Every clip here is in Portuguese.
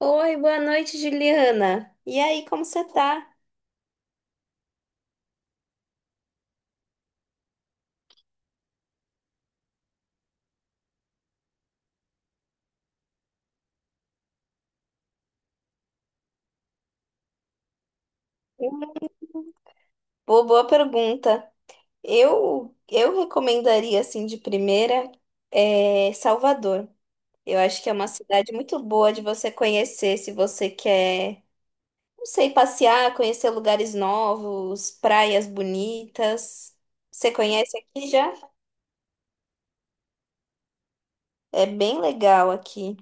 Oi, boa noite, Juliana. E aí, como você tá? Boa, boa pergunta. Eu recomendaria, assim, de primeira, Salvador. Eu acho que é uma cidade muito boa de você conhecer se você quer, não sei, passear, conhecer lugares novos, praias bonitas. Você conhece aqui já? É bem legal aqui.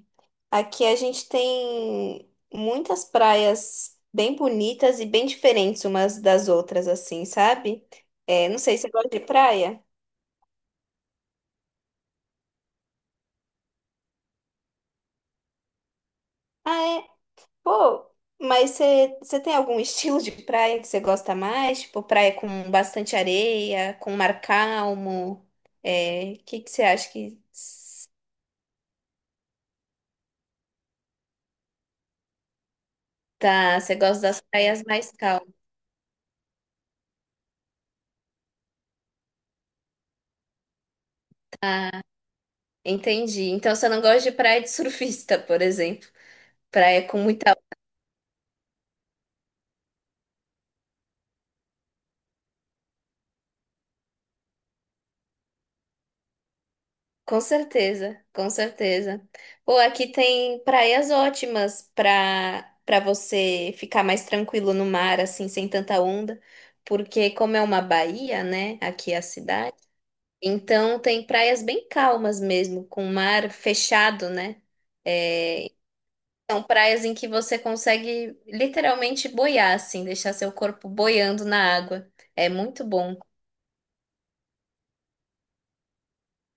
Aqui a gente tem muitas praias bem bonitas e bem diferentes umas das outras, assim, sabe? É, não sei, você gosta de praia? Ah, é? Pô, mas você tem algum estilo de praia que você gosta mais? Tipo, praia com bastante areia, com mar calmo? É, o que que você acha que... Tá, você gosta das praias mais calmas. Entendi. Então você não gosta de praia de surfista, por exemplo. Praia com muita. Com certeza, com certeza. Pô, aqui tem praias ótimas para você ficar mais tranquilo no mar, assim, sem tanta onda, porque como é uma baía, né, aqui é a cidade, então tem praias bem calmas mesmo, com mar fechado, né? É, são praias em que você consegue literalmente boiar, assim, deixar seu corpo boiando na água. É muito bom.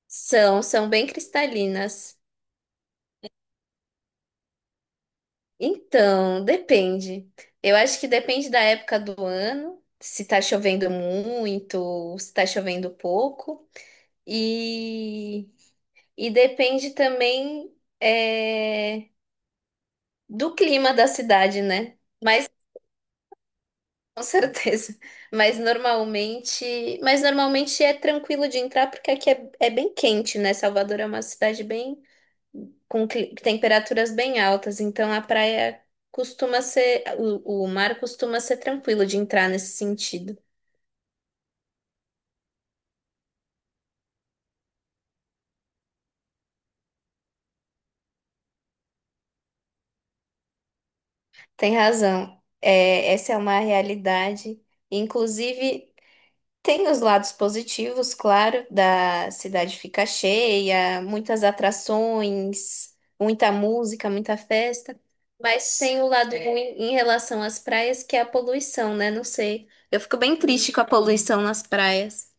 São, são bem cristalinas. Então, depende. Eu acho que depende da época do ano, se tá chovendo muito, se tá chovendo pouco. E, e depende também é, do clima da cidade, né? Mas com certeza. Mas normalmente é tranquilo de entrar porque aqui é, é bem quente, né? Salvador é uma cidade bem com temperaturas bem altas, então a praia costuma ser, o mar costuma ser tranquilo de entrar nesse sentido. Tem razão. É, essa é uma realidade. Inclusive, tem os lados positivos, claro, da cidade fica cheia, muitas atrações, muita música, muita festa. Mas tem o lado ruim em relação às praias, que é a poluição, né? Não sei. Eu fico bem triste com a poluição nas praias.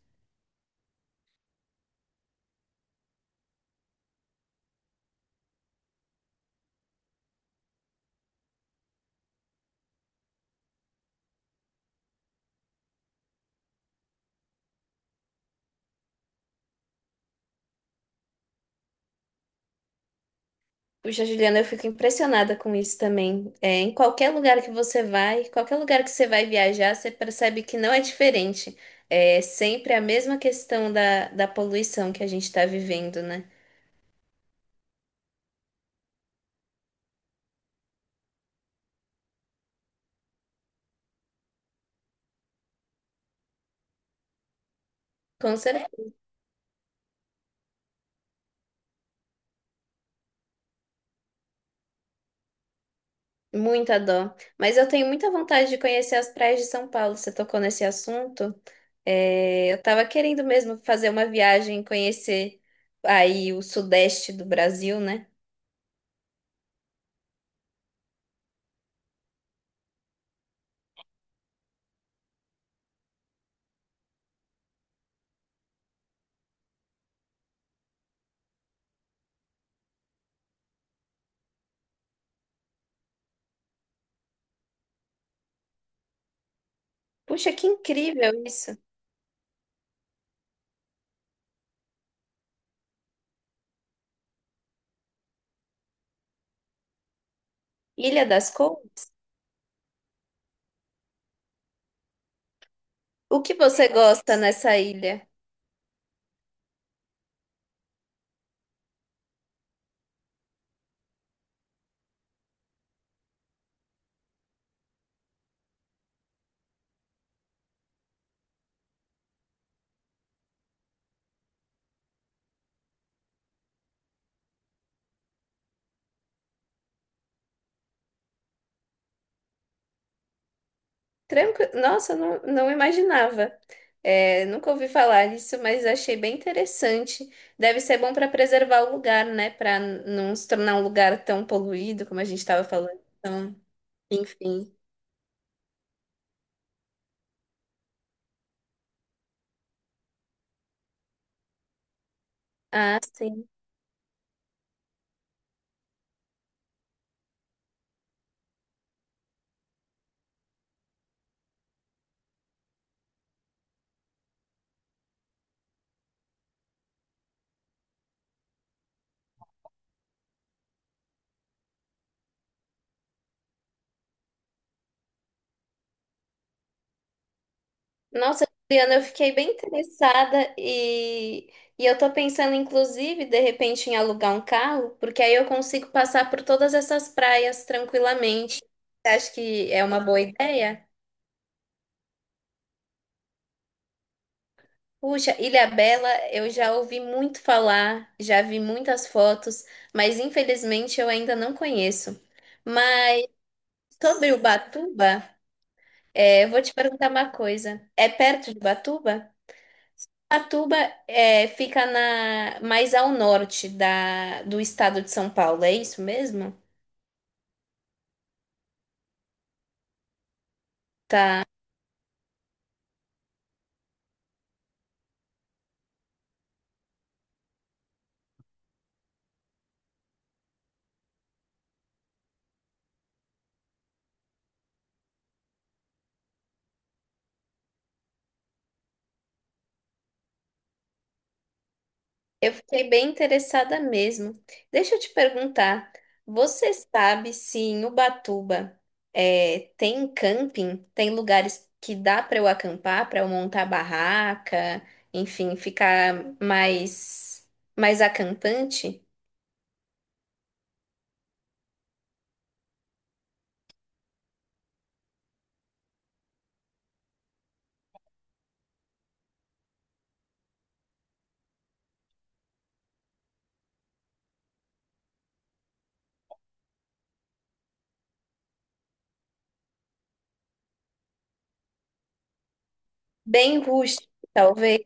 Puxa, Juliana, eu fico impressionada com isso também. É, em qualquer lugar que você vai, qualquer lugar que você vai viajar, você percebe que não é diferente. É sempre a mesma questão da poluição que a gente está vivendo, né? Com certeza, muita dó. Mas eu tenho muita vontade de conhecer as praias de São Paulo. Você tocou nesse assunto? É, eu tava querendo mesmo fazer uma viagem, e conhecer aí o sudeste do Brasil, né? Puxa, que incrível isso! Ilha das Couras? O que você gosta nessa ilha? Tranquilo. Nossa, eu não, não imaginava. É, nunca ouvi falar disso, mas achei bem interessante. Deve ser bom para preservar o lugar, né? Para não se tornar um lugar tão poluído como a gente estava falando. Então, enfim. Ah, sim. Nossa, Juliana, eu fiquei bem interessada e eu tô pensando, inclusive, de repente, em alugar um carro, porque aí eu consigo passar por todas essas praias tranquilamente. Você acha que é uma boa ideia? Puxa, Ilhabela, eu já ouvi muito falar, já vi muitas fotos, mas infelizmente eu ainda não conheço. Mas sobre Ubatuba, é, eu vou te perguntar uma coisa. É perto de Ubatuba? Ubatuba é, fica na, mais ao norte da, do estado de São Paulo, é isso mesmo? Eu fiquei bem interessada mesmo. Deixa eu te perguntar, você sabe se em Ubatuba é, tem camping? Tem lugares que dá para eu acampar, para eu montar barraca, enfim, ficar mais mais acampante? Bem rústico, talvez.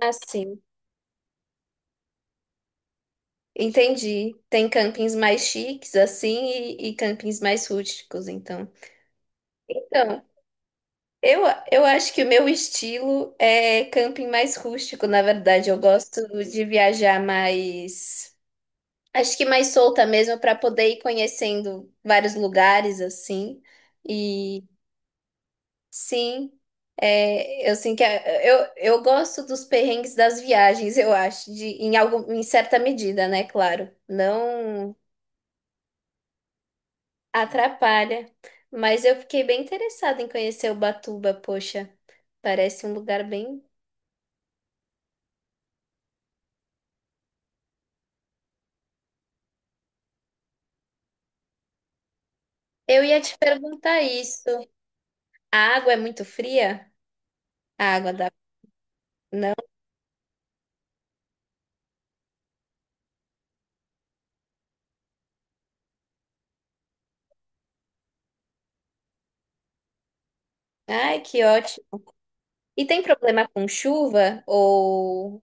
Ah, sim. Entendi. Tem campings mais chiques assim e campings mais rústicos, então. Então, Eu, eu acho que o meu estilo é camping mais rústico, na verdade. Eu gosto de viajar mais. Acho que mais solta mesmo, para poder ir conhecendo vários lugares, assim. E sim, é, eu sinto eu gosto dos perrengues das viagens, eu acho, de, em, algum, em certa medida, né? Claro. Não atrapalha. Mas eu fiquei bem interessada em conhecer Ubatuba, poxa. Parece um lugar bem. Eu ia te perguntar isso. A água é muito fria? A água da. Ai, que ótimo. E tem problema com chuva? Ou.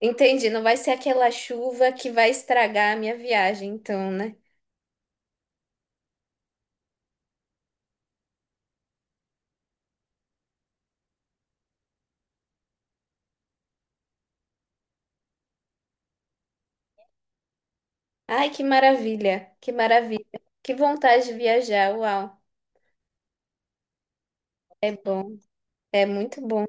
Entendi, não vai ser aquela chuva que vai estragar a minha viagem, então, né? Ai, que maravilha, que maravilha. Que vontade de viajar, uau. É bom, é muito bom.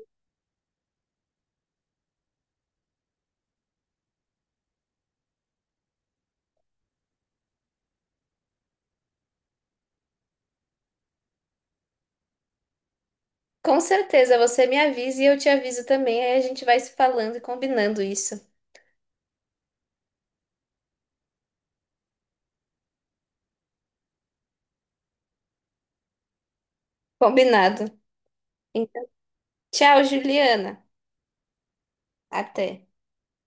Com certeza, você me avisa e eu te aviso também. Aí a gente vai se falando e combinando isso. Combinado. Então, tchau, Juliana. Até.